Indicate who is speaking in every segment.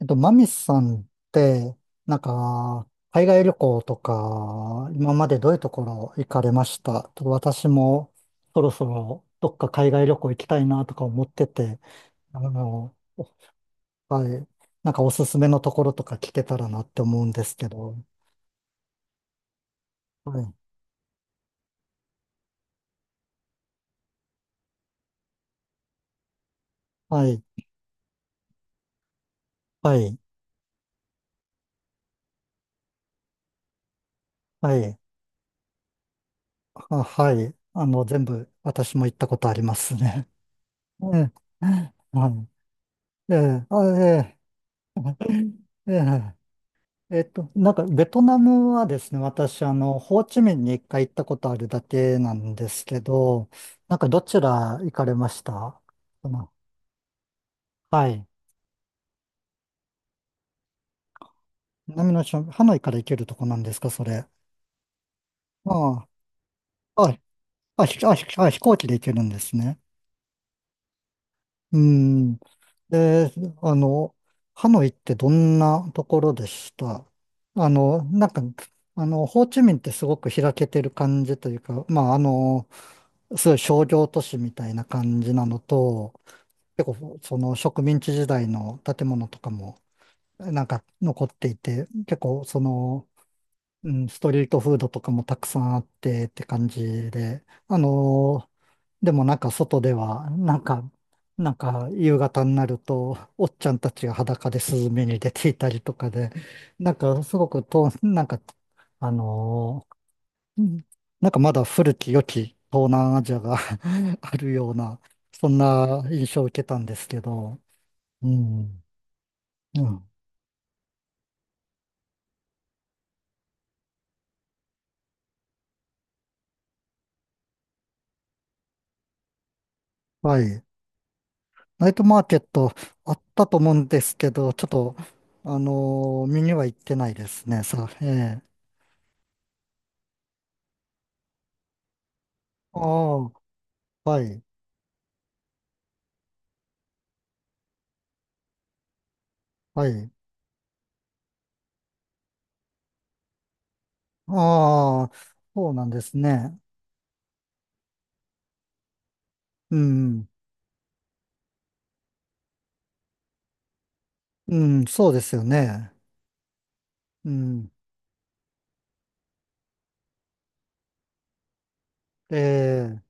Speaker 1: マミスさんって海外旅行とか、今までどういうところ行かれました？ちょっと私も、そろそろ、どっか海外旅行行きたいなとか思ってて、あの、はい、なんかおすすめのところとか聞けたらなって思うんですけど、はい、はい、はい、はい、あ、はい、全部私も行ったことありますね。うん、はい、ええ、あ、ええ、ええベトナムはですね、私、ホーチミンに一回行ったことあるだけなんですけど、どちら行かれました？そのはい。南の島、ハノイから行けるとこなんですか、それ？ああ、あ、あ、ひあ、ひあ、飛行機で行けるんですね。うん。で、あの、ハノイってどんなところでした？あの、なんか、ホーチミンってすごく開けてる感じというか、まあ、すごい商業都市みたいな感じなのと、結構その植民地時代の建物とかも残っていて、結構その、うん、ストリートフードとかもたくさんあってって感じで、でもなんか外では、夕方になると、おっちゃんたちが裸でスズメに出ていたりとかで、なんかすごくと、なんか、あのーうん、なんかまだ古き良き東南アジアが あるような、そんな印象を受けたんですけど、うん。うん。はい。ナイトマーケット、あったと思うんですけど、ちょっと、見には行ってないですね、ええ。ああ、はい、はい。ああ、そうなんですね。うん、うん、そうですよね。うん、ええ、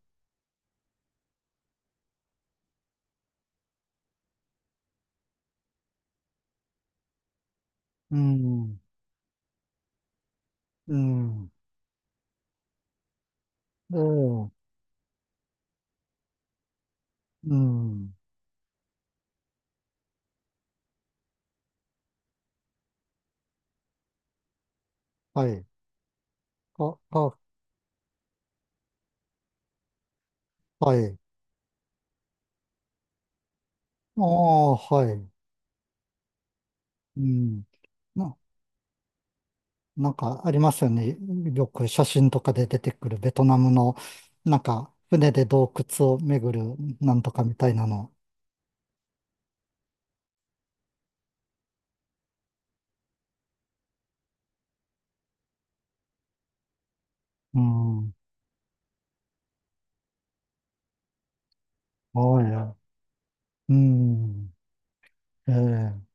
Speaker 1: うん、うん、ええ、うん、はい。あ、あ、はい。ああ、はい。うん。な、なんかありますよね。よく写真とかで出てくるベトナムの、なんか船で洞窟を巡るなんとかみたいなの。うん。はい。うん。ええ。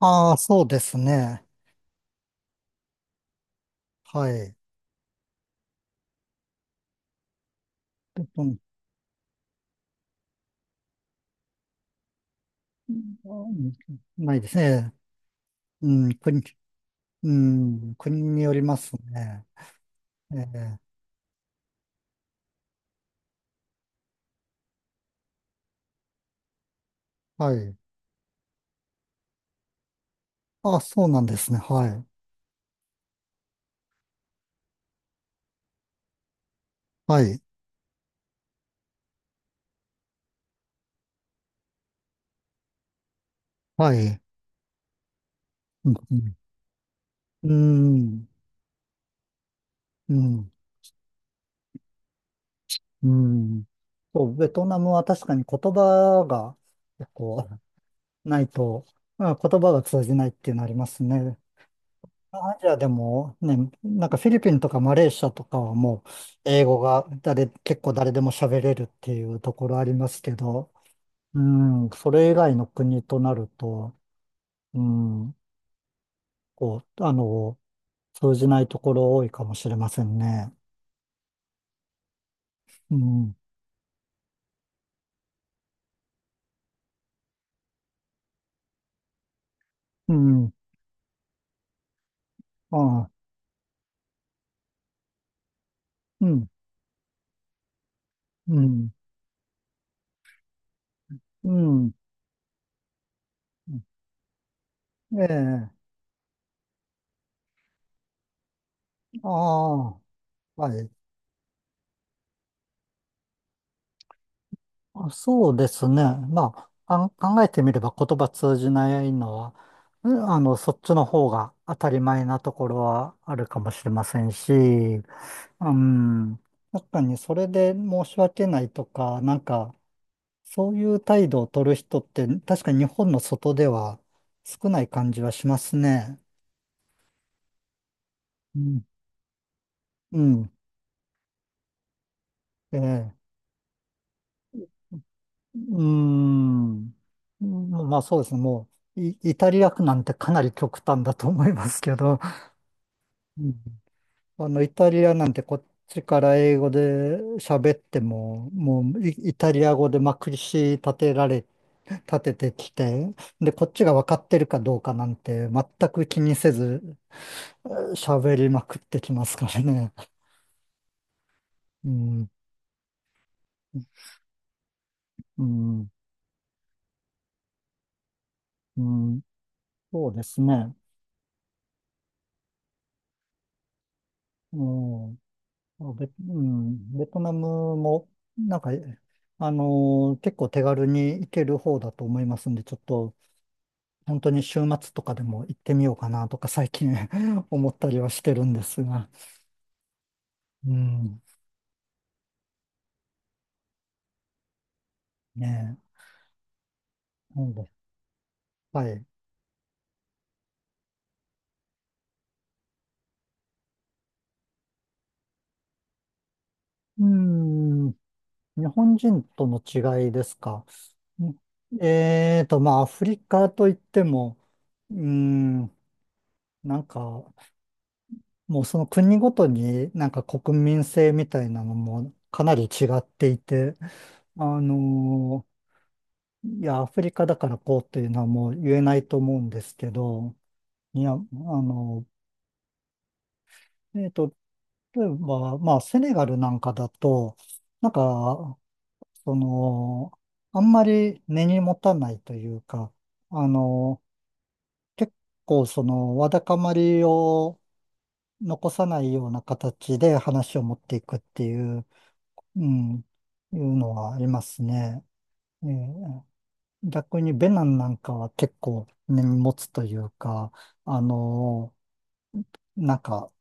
Speaker 1: ああ、そうですね。はい。で、うん、うん、ないですね。うん。うん。国によりますね。ええ。はい。ああ、そうなんですね。はい。はい。はい。うん、うん、うん、うん、うん。そう、ベトナムは確かに言葉が結構ないと、まあ、言葉が通じないっていうのありますね。アジアでもね、なんかフィリピンとかマレーシアとかはもう英語が結構誰でも喋れるっていうところありますけど、うん、それ以外の国となると、うん、こう、通じないところ多いかもしれませんね。うん、うん、ああ、うん、うん。うん。ええ。ああ、はい。あ、そうですね。まあ、考えてみれば言葉通じないのは、うん、そっちの方が当たり前なところはあるかもしれませんし、うん。確かにそれで申し訳ないとか、なんか、そういう態度を取る人って、確かに日本の外では少ない感じはしますね。うん。うん。ええ。うーん。まあそうですね。もう、イタリア区なんてかなり極端だと思いますけど、うん、イタリアなんてこっちから英語で喋っても、もうイタリア語でまくりし立ててきて、で、こっちが分かってるかどうかなんて全く気にせず喋りまくってきますからね。うん、うん、うん、そうですね。うん、ベトナムも、なんか、結構手軽に行ける方だと思いますんで、ちょっと、本当に週末とかでも行ってみようかなとか、最近 思ったりはしてるんですが。うん、ねえ、なんで、はい。うん、日本人との違いですか？うん、えーと、まあ、アフリカといっても、うん、なんか、もうその国ごとになんか国民性みたいなのもかなり違っていて、あのいや、アフリカだからこうっていうのはもう言えないと思うんですけど、いや、えっと、例えば、まあ、セネガルなんかだと、なんか、その、あんまり根に持たないというか、あの結構その、わだかまりを残さないような形で話を持っていくっていう、うん、いうのはありますね。えー逆にベナンなんかは結構根に持つというか、あのーなんか、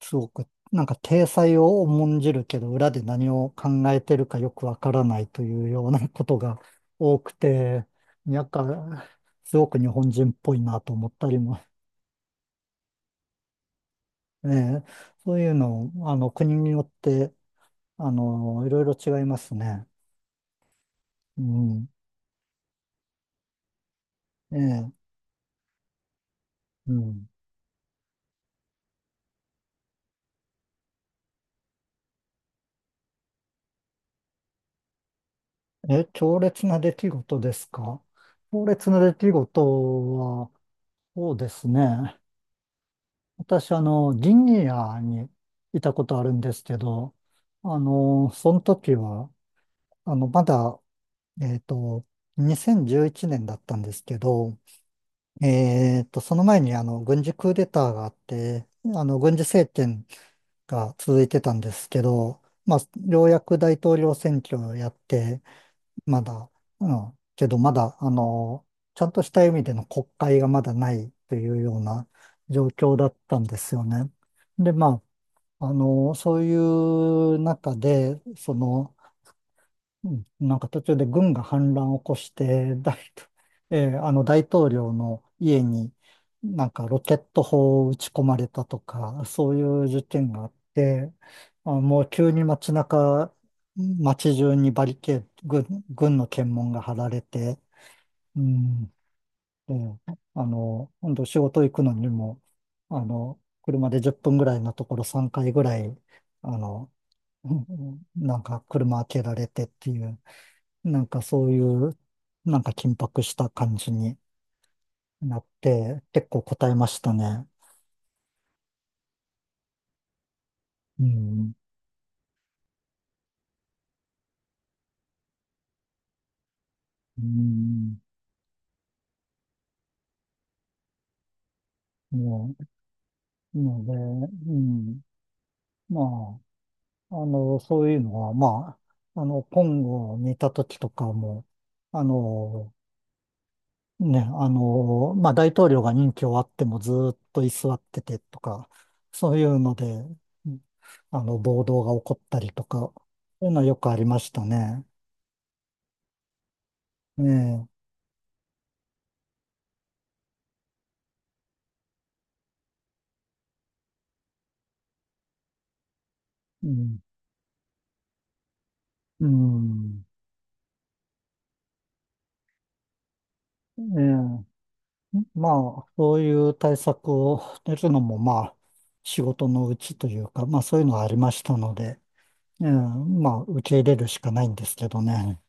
Speaker 1: すごく、なんか体裁を重んじるけど、裏で何を考えてるかよくわからないというようなことが多くて、やっか、すごく日本人っぽいなと思ったりも、ね、そういうの、国によって、いろいろ違いますね。うん。ええ、うん。え、強烈な出来事ですか？強烈な出来事は、そうですね。私、ギニアにいたことあるんですけど、その時は、あの、まだ、えっと、2011年だったんですけど、その前に、軍事クーデターがあって、軍事政権が続いてたんですけど、まあ、ようやく大統領選挙をやって、まだ、うん、けどまだ、ちゃんとした意味での国会がまだないというような状況だったんですよね。で、まあ、そういう中で、その、うん、なんか途中で軍が反乱を起こして、大統領の家になんかロケット砲を撃ち込まれたとか、そういう事件があって、あ、もう急に街中にバリケード、軍の検問が張られて、うん、で、今度仕事行くのにも、車で10分ぐらいのところ3回ぐらい、あの、うん、なんか車開けられてっていう、なんかそういう、なんか緊迫した感じになって、結構答えましたね。うん。うん。もう、ので、うん。まあ、そういうのは、まあ、今後にいた時とかも、あの、ね、まあ、大統領が任期終わってもずーっと居座っててとか、そういうので、うん、暴動が起こったりとか、そういうのはよくありましたね。ねえ。うん、うん。ええ。まあ、そういう対策を練るのも、まあ、仕事のうちというか、まあ、そういうのはありましたので、ええ、まあ、受け入れるしかないんですけどね。